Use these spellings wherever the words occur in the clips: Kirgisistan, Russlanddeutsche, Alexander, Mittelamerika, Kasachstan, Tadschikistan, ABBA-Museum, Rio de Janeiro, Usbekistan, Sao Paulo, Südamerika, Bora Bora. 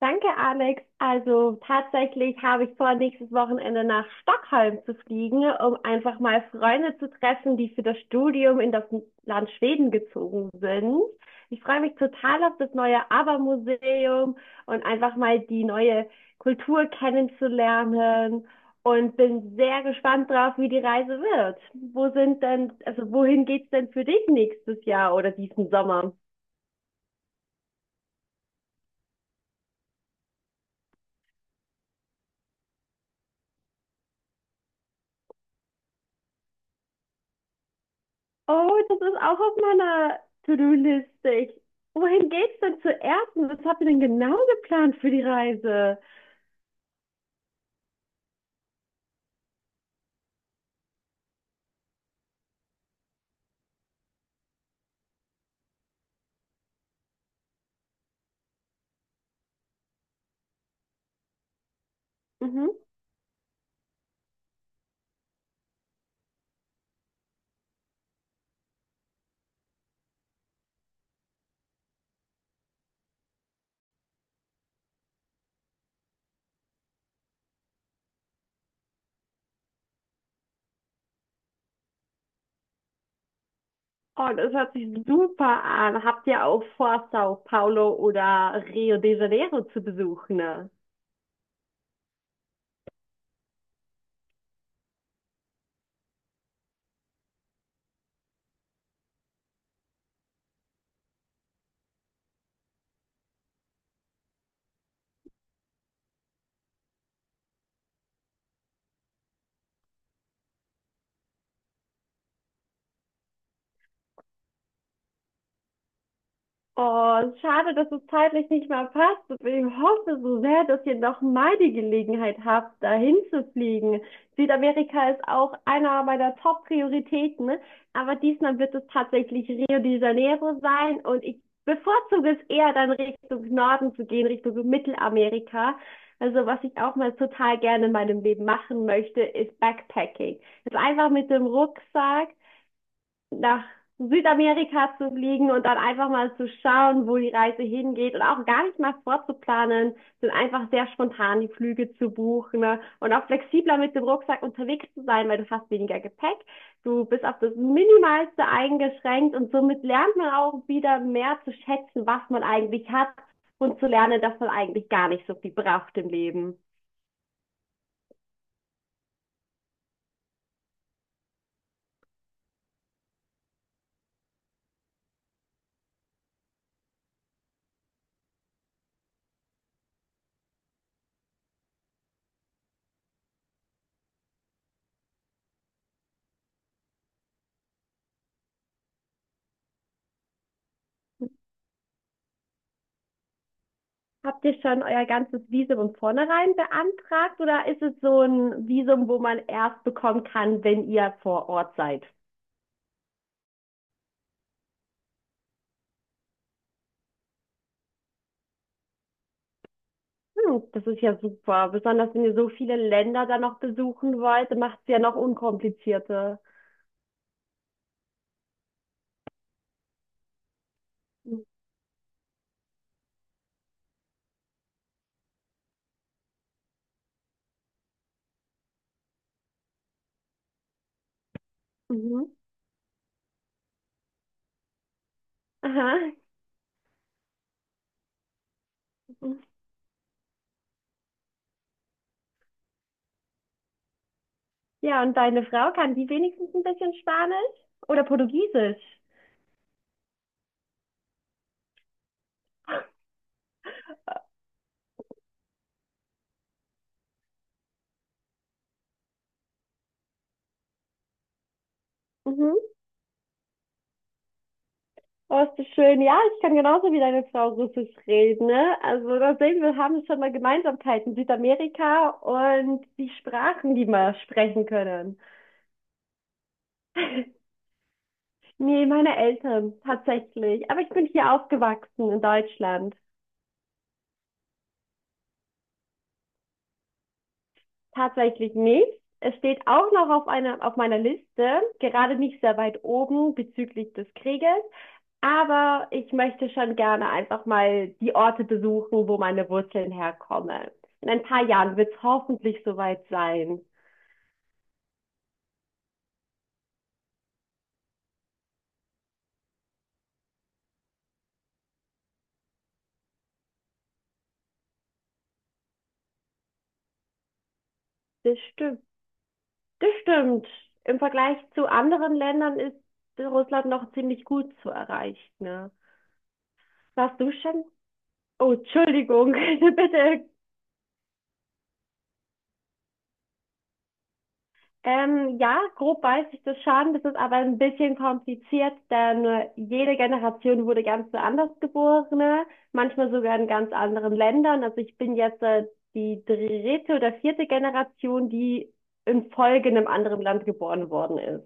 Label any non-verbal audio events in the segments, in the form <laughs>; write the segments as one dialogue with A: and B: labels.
A: Danke, Alex. Also tatsächlich habe ich vor, nächstes Wochenende nach Stockholm zu fliegen, um einfach mal Freunde zu treffen, die für das Studium in das Land Schweden gezogen sind. Ich freue mich total auf das neue ABBA-Museum und einfach mal die neue Kultur kennenzulernen und bin sehr gespannt drauf, wie die Reise wird. Also wohin geht's denn für dich nächstes Jahr oder diesen Sommer? Oh, das ist auch auf meiner To-Do-Liste. Wohin geht's denn zuerst? Und was habt ihr denn genau geplant für die Reise? Mhm. Oh, das hört sich super an. Habt ihr auch vor, Sao Paulo oder Rio de Janeiro zu besuchen, ne? Oh, schade, dass es zeitlich nicht mehr passt. Ich hoffe so sehr, dass ihr noch mal die Gelegenheit habt, dahin zu fliegen. Südamerika ist auch einer meiner Top-Prioritäten, ne, aber diesmal wird es tatsächlich Rio de Janeiro sein und ich bevorzuge es eher dann Richtung Norden zu gehen, Richtung Mittelamerika. Also was ich auch mal total gerne in meinem Leben machen möchte, ist Backpacking. Also einfach mit dem Rucksack nach Südamerika zu fliegen und dann einfach mal zu schauen, wo die Reise hingeht und auch gar nicht mal vorzuplanen, sondern einfach sehr spontan die Flüge zu buchen, ne? Und auch flexibler mit dem Rucksack unterwegs zu sein, weil du hast weniger Gepäck, du bist auf das Minimalste eingeschränkt und somit lernt man auch wieder mehr zu schätzen, was man eigentlich hat und zu lernen, dass man eigentlich gar nicht so viel braucht im Leben. Habt ihr schon euer ganzes Visum von vornherein beantragt oder ist es so ein Visum, wo man erst bekommen kann, wenn ihr vor Ort seid? Hm, das ist ja super. Besonders wenn ihr so viele Länder dann noch besuchen wollt, macht es ja noch unkomplizierter. Mhm. Aha. Ja, und deine Frau kann die wenigstens ein bisschen Spanisch oder Portugiesisch? Mhm. Oh, ist das schön. Ja, ich kann genauso wie deine Frau Russisch reden, ne? Also da sehen wir, haben schon mal Gemeinsamkeiten. Südamerika und die Sprachen, die wir sprechen können. <laughs> Nee, meine Eltern, tatsächlich. Aber ich bin hier aufgewachsen in Deutschland. Tatsächlich nicht. Es steht auch noch auf meiner Liste, gerade nicht sehr weit oben bezüglich des Krieges. Aber ich möchte schon gerne einfach mal die Orte besuchen, wo meine Wurzeln herkommen. In ein paar Jahren wird es hoffentlich soweit sein. Das stimmt. Das stimmt. Im Vergleich zu anderen Ländern ist Russland noch ziemlich gut zu erreichen, ne? Warst du schon? Oh, Entschuldigung, <laughs> bitte. Ja, grob weiß ich das schon. Das ist aber ein bisschen kompliziert, denn jede Generation wurde ganz anders geboren, manchmal sogar in ganz anderen Ländern. Also ich bin jetzt die dritte oder vierte Generation, die in Folge in einem anderen Land geboren worden ist.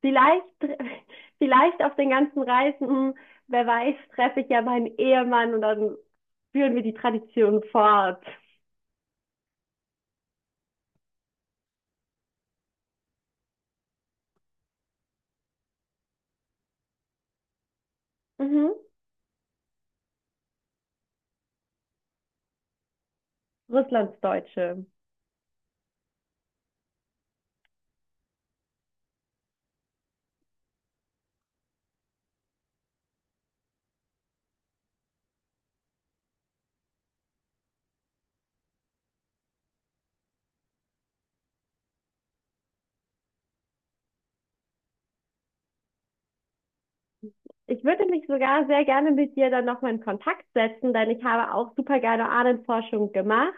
A: Vielleicht, <laughs> vielleicht auf den ganzen Reisen, wer weiß, treffe ich ja meinen Ehemann und dann führen wir die Tradition fort. Mhm. Russlandsdeutsche. Ich würde mich sogar sehr gerne mit dir dann nochmal in Kontakt setzen, denn ich habe auch super gerne Ahnenforschung gemacht.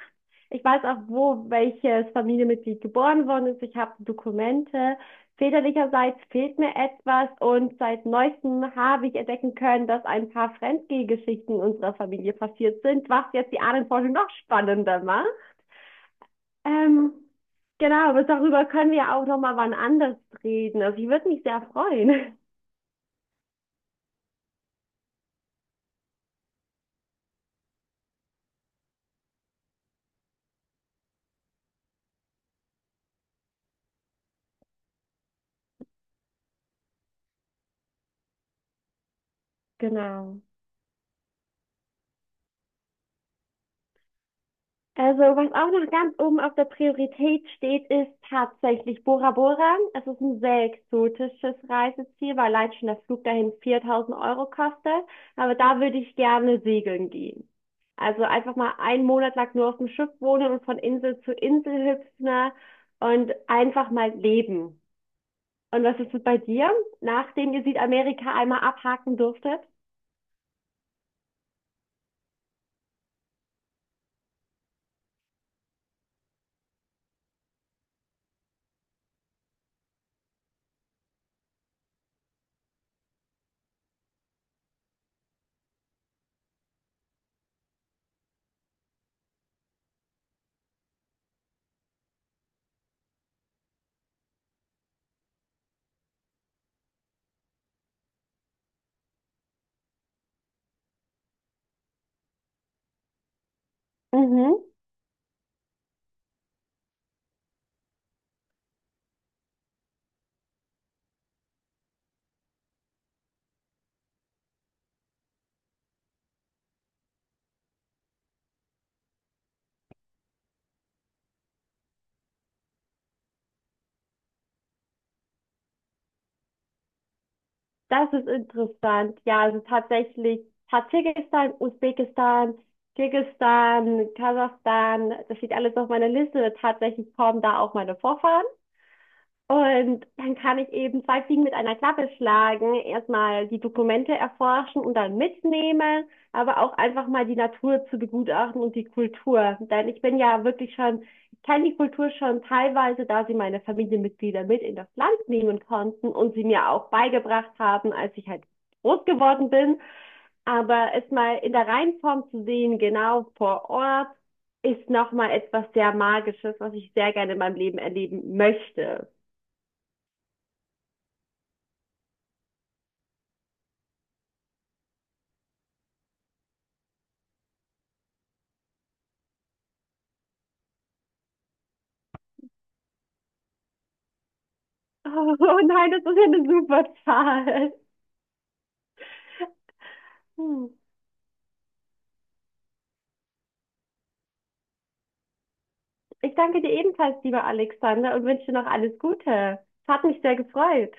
A: Ich weiß auch, wo welches Familienmitglied geboren worden ist. Ich habe Dokumente. Väterlicherseits fehlt mir etwas und seit neuestem habe ich entdecken können, dass ein paar Fremdgehgeschichten unserer Familie passiert sind, was jetzt die Ahnenforschung noch spannender macht. Ähm, genau, aber darüber können wir auch nochmal wann anders reden. Also ich würde mich sehr freuen. <laughs> Genau. Also, was auch noch ganz oben auf der Priorität steht, ist tatsächlich Bora Bora. Es ist ein sehr exotisches Reiseziel, weil allein schon der Flug dahin 4000 € kostet. Aber da würde ich gerne segeln gehen. Also einfach mal einen Monat lang nur auf dem Schiff wohnen und von Insel zu Insel hüpfen und einfach mal leben. Und was ist es bei dir, nachdem ihr Südamerika einmal abhaken durftet? Mhm. Das ist interessant. Ja, also tatsächlich Tadschikistan, Usbekistan, Kirgisistan, Kasachstan, das steht alles auf meiner Liste. Tatsächlich kommen da auch meine Vorfahren. Und dann kann ich eben zwei Fliegen mit einer Klappe schlagen, erstmal die Dokumente erforschen und dann mitnehmen, aber auch einfach mal die Natur zu begutachten und die Kultur. Denn ich bin ja wirklich schon, ich kenne die Kultur schon teilweise, da sie meine Familienmitglieder mit in das Land nehmen konnten und sie mir auch beigebracht haben, als ich halt groß geworden bin. Aber es mal in der Reinform zu sehen, genau vor Ort, ist nochmal etwas sehr Magisches, was ich sehr gerne in meinem Leben erleben möchte. <laughs> Oh, oh nein, das ist ja eine super Zahl. Hm. Ich danke dir ebenfalls, lieber Alexander, und wünsche dir noch alles Gute. Es hat mich sehr gefreut.